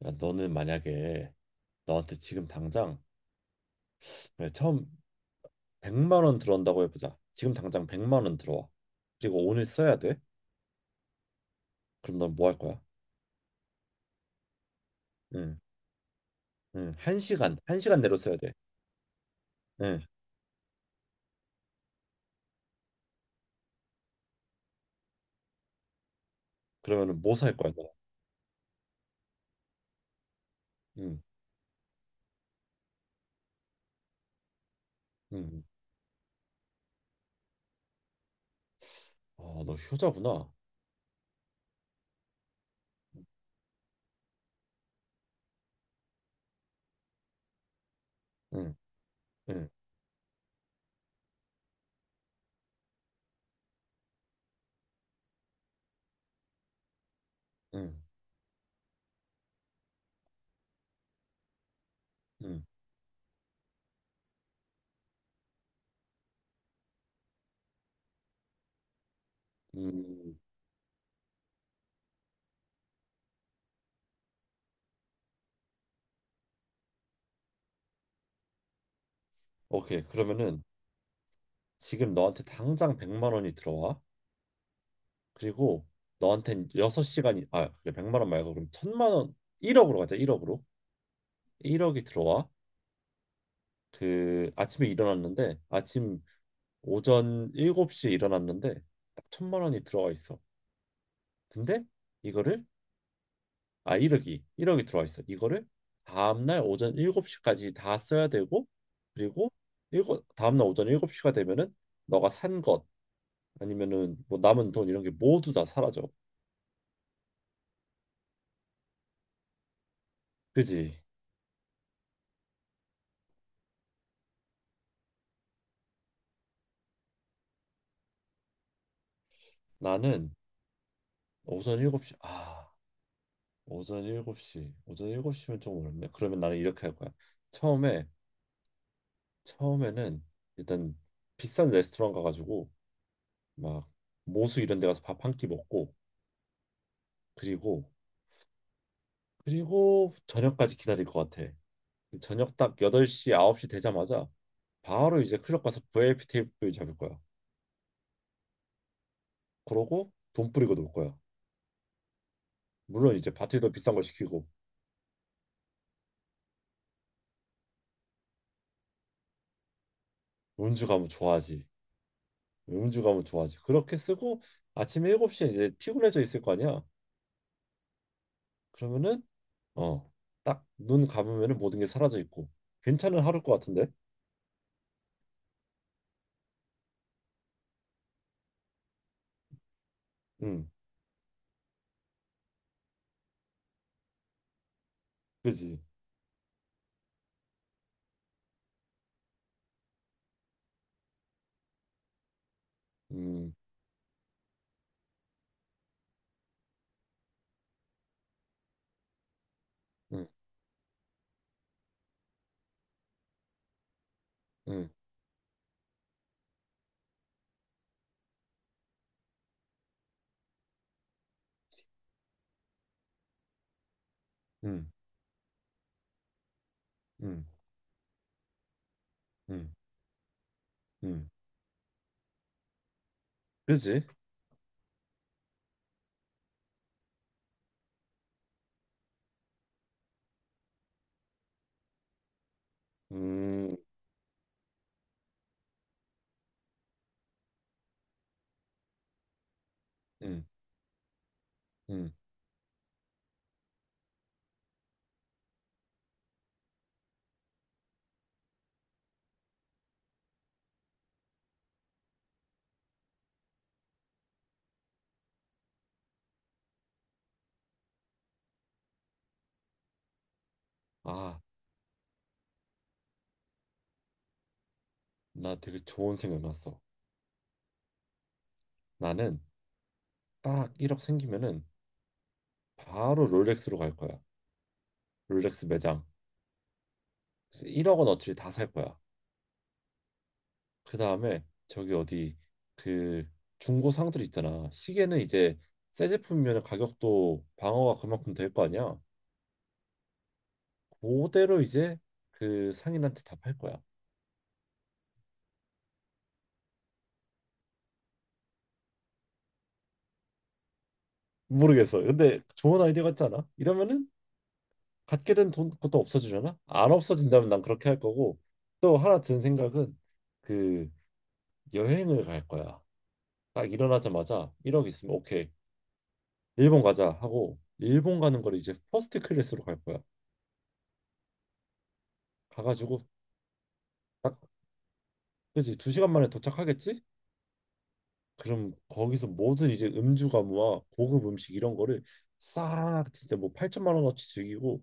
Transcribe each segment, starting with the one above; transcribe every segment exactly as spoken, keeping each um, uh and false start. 그러니까 너는 만약에 너한테 지금 당장 그래, 처음 백만 원 들어온다고 해보자. 지금 당장 백만 원 들어와. 그리고 오늘 써야 돼. 그럼 넌 뭐 할 거야? 응, 응, 한 시간, 한 시간 내로 써야 돼. 응, 그러면은 뭐 살 거야, 너? 응, 응. 아, 너 효자구나. 응, 응, 응, 응, 음. 오케이. 그러면은 지금 너한테 당장 백만 원이 들어와. 그리고 너한텐 여섯 시간이 아, 그래, 백만 원 말고 그럼 천만원 일억으로 가자. 일억으로 일억이 들어와. 그 아침에 일어났는데 아침 오전 일곱 시에 일어났는데 딱 천만 원이 들어가 있어. 근데 이거를 아 일억이 일억이 들어가 있어. 이거를 다음날 오전 일곱 시까지 다 써야 되고 그리고 일곱 다음날 오전 일곱 시가 되면은 너가 산 것 아니면은 뭐 남은 돈 이런 게 모두 다 사라져. 그지? 나는 오전 일곱 시 아 오전 일곱 시 오전 일곱 시면 좀 어렵네. 그러면 나는 이렇게 할 거야. 처음에 처음에는 일단 비싼 레스토랑 가가지고 막 모수 이런 데 가서 밥 한 끼 먹고 그리고 그리고 저녁까지 기다릴 것 같아. 저녁 딱 여덟 시, 아홉 시 되자마자 바로 이제 클럽 가서 브이아이피 테이블 잡을 거야. 그러고 돈 뿌리고 놀 거야. 물론 이제 바트에 더 비싼 걸 시키고 음주 가면 좋아하지. 음주 가면 좋아하지. 그렇게 쓰고 아침 일곱 시에 이제 피곤해져 있을 거 아니야. 그러면은 어, 딱 눈 감으면은 모든 게 사라져 있고 괜찮은 하루일 것 같은데? 응. 그지? 음, 음, 음, 음, 음, 음, 음. 그지? 음, 음, 음. 아, 나 되게 좋은 생각 났어. 나는 딱 일 억 생기면은 바로 롤렉스로 갈 거야. 롤렉스 매장. 일 억 원어치를 다 살 거야. 그 다음에 저기 어디 그 중고 상들 있잖아. 시계는 이제 새 제품이면 가격도 방어가 그만큼 될 거 아니야. 그대로 이제 그 상인한테 다 팔 거야. 모르겠어. 근데 좋은 아이디어 같지 않아? 이러면은 갖게 된 돈 것도 없어지잖아. 안 없어진다면 난 그렇게 할 거고 또 하나 든 생각은 그 여행을 갈 거야. 딱 일어나자마자 일 억 있으면 오케이 일본 가자 하고 일본 가는 걸 이제 퍼스트 클래스로 갈 거야. 가가지고 딱 그지 두 시간 만에 도착하겠지? 그럼 거기서 모든 이제 음주 가무와 고급 음식 이런 거를 싹 진짜 뭐 팔천만 원어치 즐기고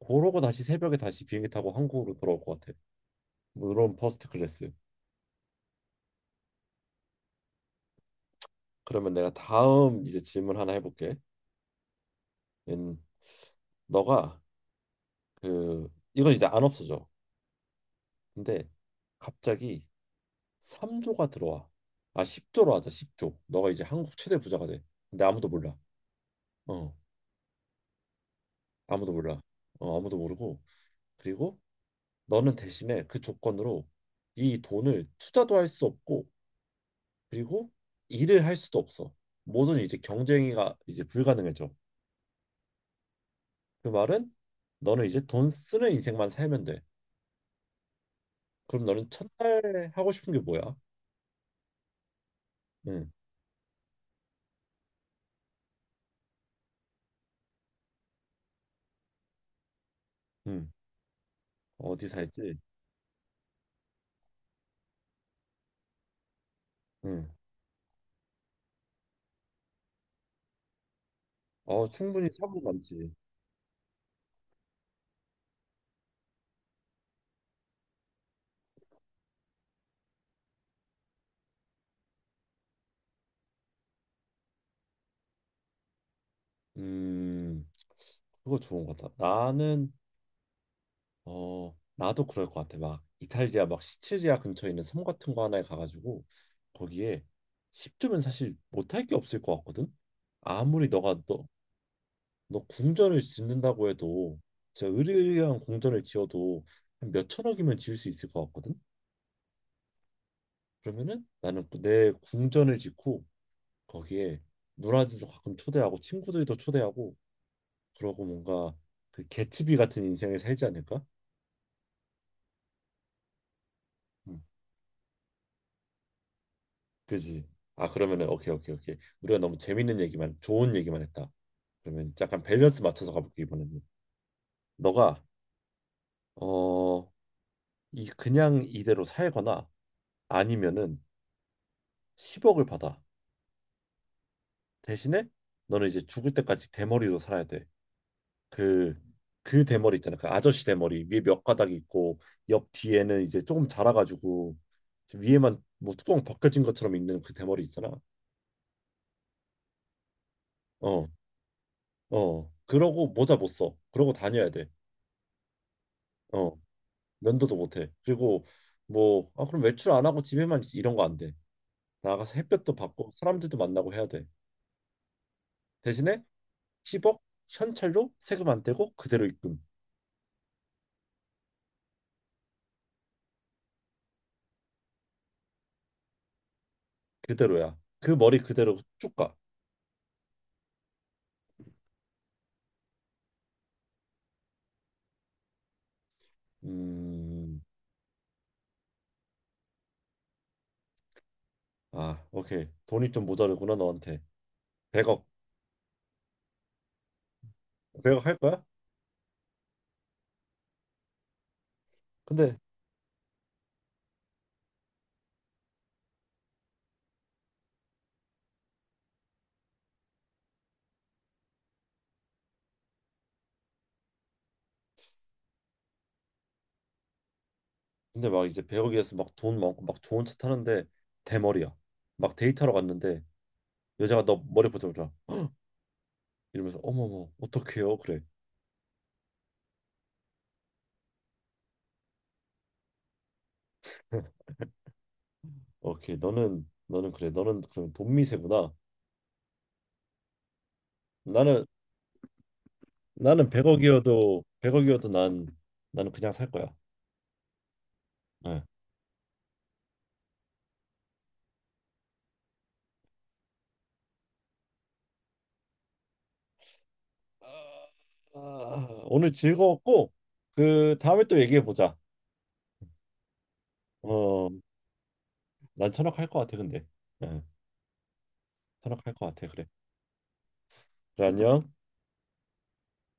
그러고 다시 새벽에 다시 비행기 타고 한국으로 돌아올 것 같아. 물론 퍼스트 클래스. 그러면 내가 다음 이제 질문 하나 해볼게. 음, 너가 그 이건 이제 안 없어져. 근데 갑자기 삼 조가 들어와. 아 십 조로 하자. 십 조. 너가 이제 한국 최대 부자가 돼. 근데 아무도 몰라. 어, 아무도 몰라. 어, 아무도 모르고. 그리고 너는 대신에 그 조건으로 이 돈을 투자도 할 수 없고 그리고 일을 할 수도 없어. 모든 이제 경쟁이가 이제 불가능해져. 그 말은 너는 이제 돈 쓰는 인생만 살면 돼. 그럼 너는 첫날 하고 싶은 게 뭐야? 응, 응. 어디 살지? 응. 어, 충분히 사고 남지. 음, 그거 좋은 것 같아. 나는 어, 나도 그럴 것 같아. 막 이탈리아 막 시칠리아 근처에 있는 섬 같은 거 하나에 가가지고 거기에 십 조면 사실 못할 게 없을 것 같거든. 아무리 너가 너, 너 궁전을 짓는다고 해도 진짜 으리으리한 궁전을 지어도 한 몇천억이면 지을 수 있을 것 같거든. 그러면은 나는 그 내 궁전을 짓고 거기에 누나들도 가끔 초대하고 친구들도 초대하고 그러고 뭔가 그 개츠비 같은 인생을 살지 않을까? 음. 그지? 아 그러면은 오케이 오케이 오케이 우리가 너무 재밌는 얘기만 좋은 얘기만 했다. 그러면 약간 밸런스 맞춰서 가볼게. 이번에는 너가 어 이 그냥 이대로 살거나 아니면은 십 억을 받아. 대신에 너는 이제 죽을 때까지 대머리로 살아야 돼. 그 그 대머리 있잖아. 그 아저씨 대머리 위에 몇 가닥 이 있고 옆 뒤에는 이제 조금 자라가지고 위에만 뭐 뚜껑 벗겨진 것처럼 있는 그 대머리 있잖아. 어, 어. 그러고 모자 못 써. 그러고 다녀야 돼. 어, 면도도 못 해. 그리고 뭐 아, 그럼 외출 안 하고 집에만 있- 이런 거 안 돼. 나가서 햇볕도 받고 사람들도 만나고 해야 돼. 대신에 십 억 현찰로 세금 안 떼고 그대로 입금. 그대로야. 그 머리 그대로 쭉 가. 음. 아, 오케이. 돈이 좀 모자르구나 너한테. 백 억. 백 억 할 거야? 근데 근데 막 이제 백억이어서 막 돈 많고 막 좋은 차 타는데 대머리야. 막 데이트하러 갔는데 여자가 너 머리 보자보자 이러면서 어머머 어떡해요? 그래. 오케이. 너는 너는 그래. 너는 그럼 돈 미세구나. 나는 나는 백억이어도 백억이어도 난 나는 그냥 살 거야. 네. 아, 오늘 즐거웠고 그 다음에 또 얘기해 보자. 어, 난 천억 할 것 같아 근데. 네. 선택할 것 같아. 그래. 그래, 안녕.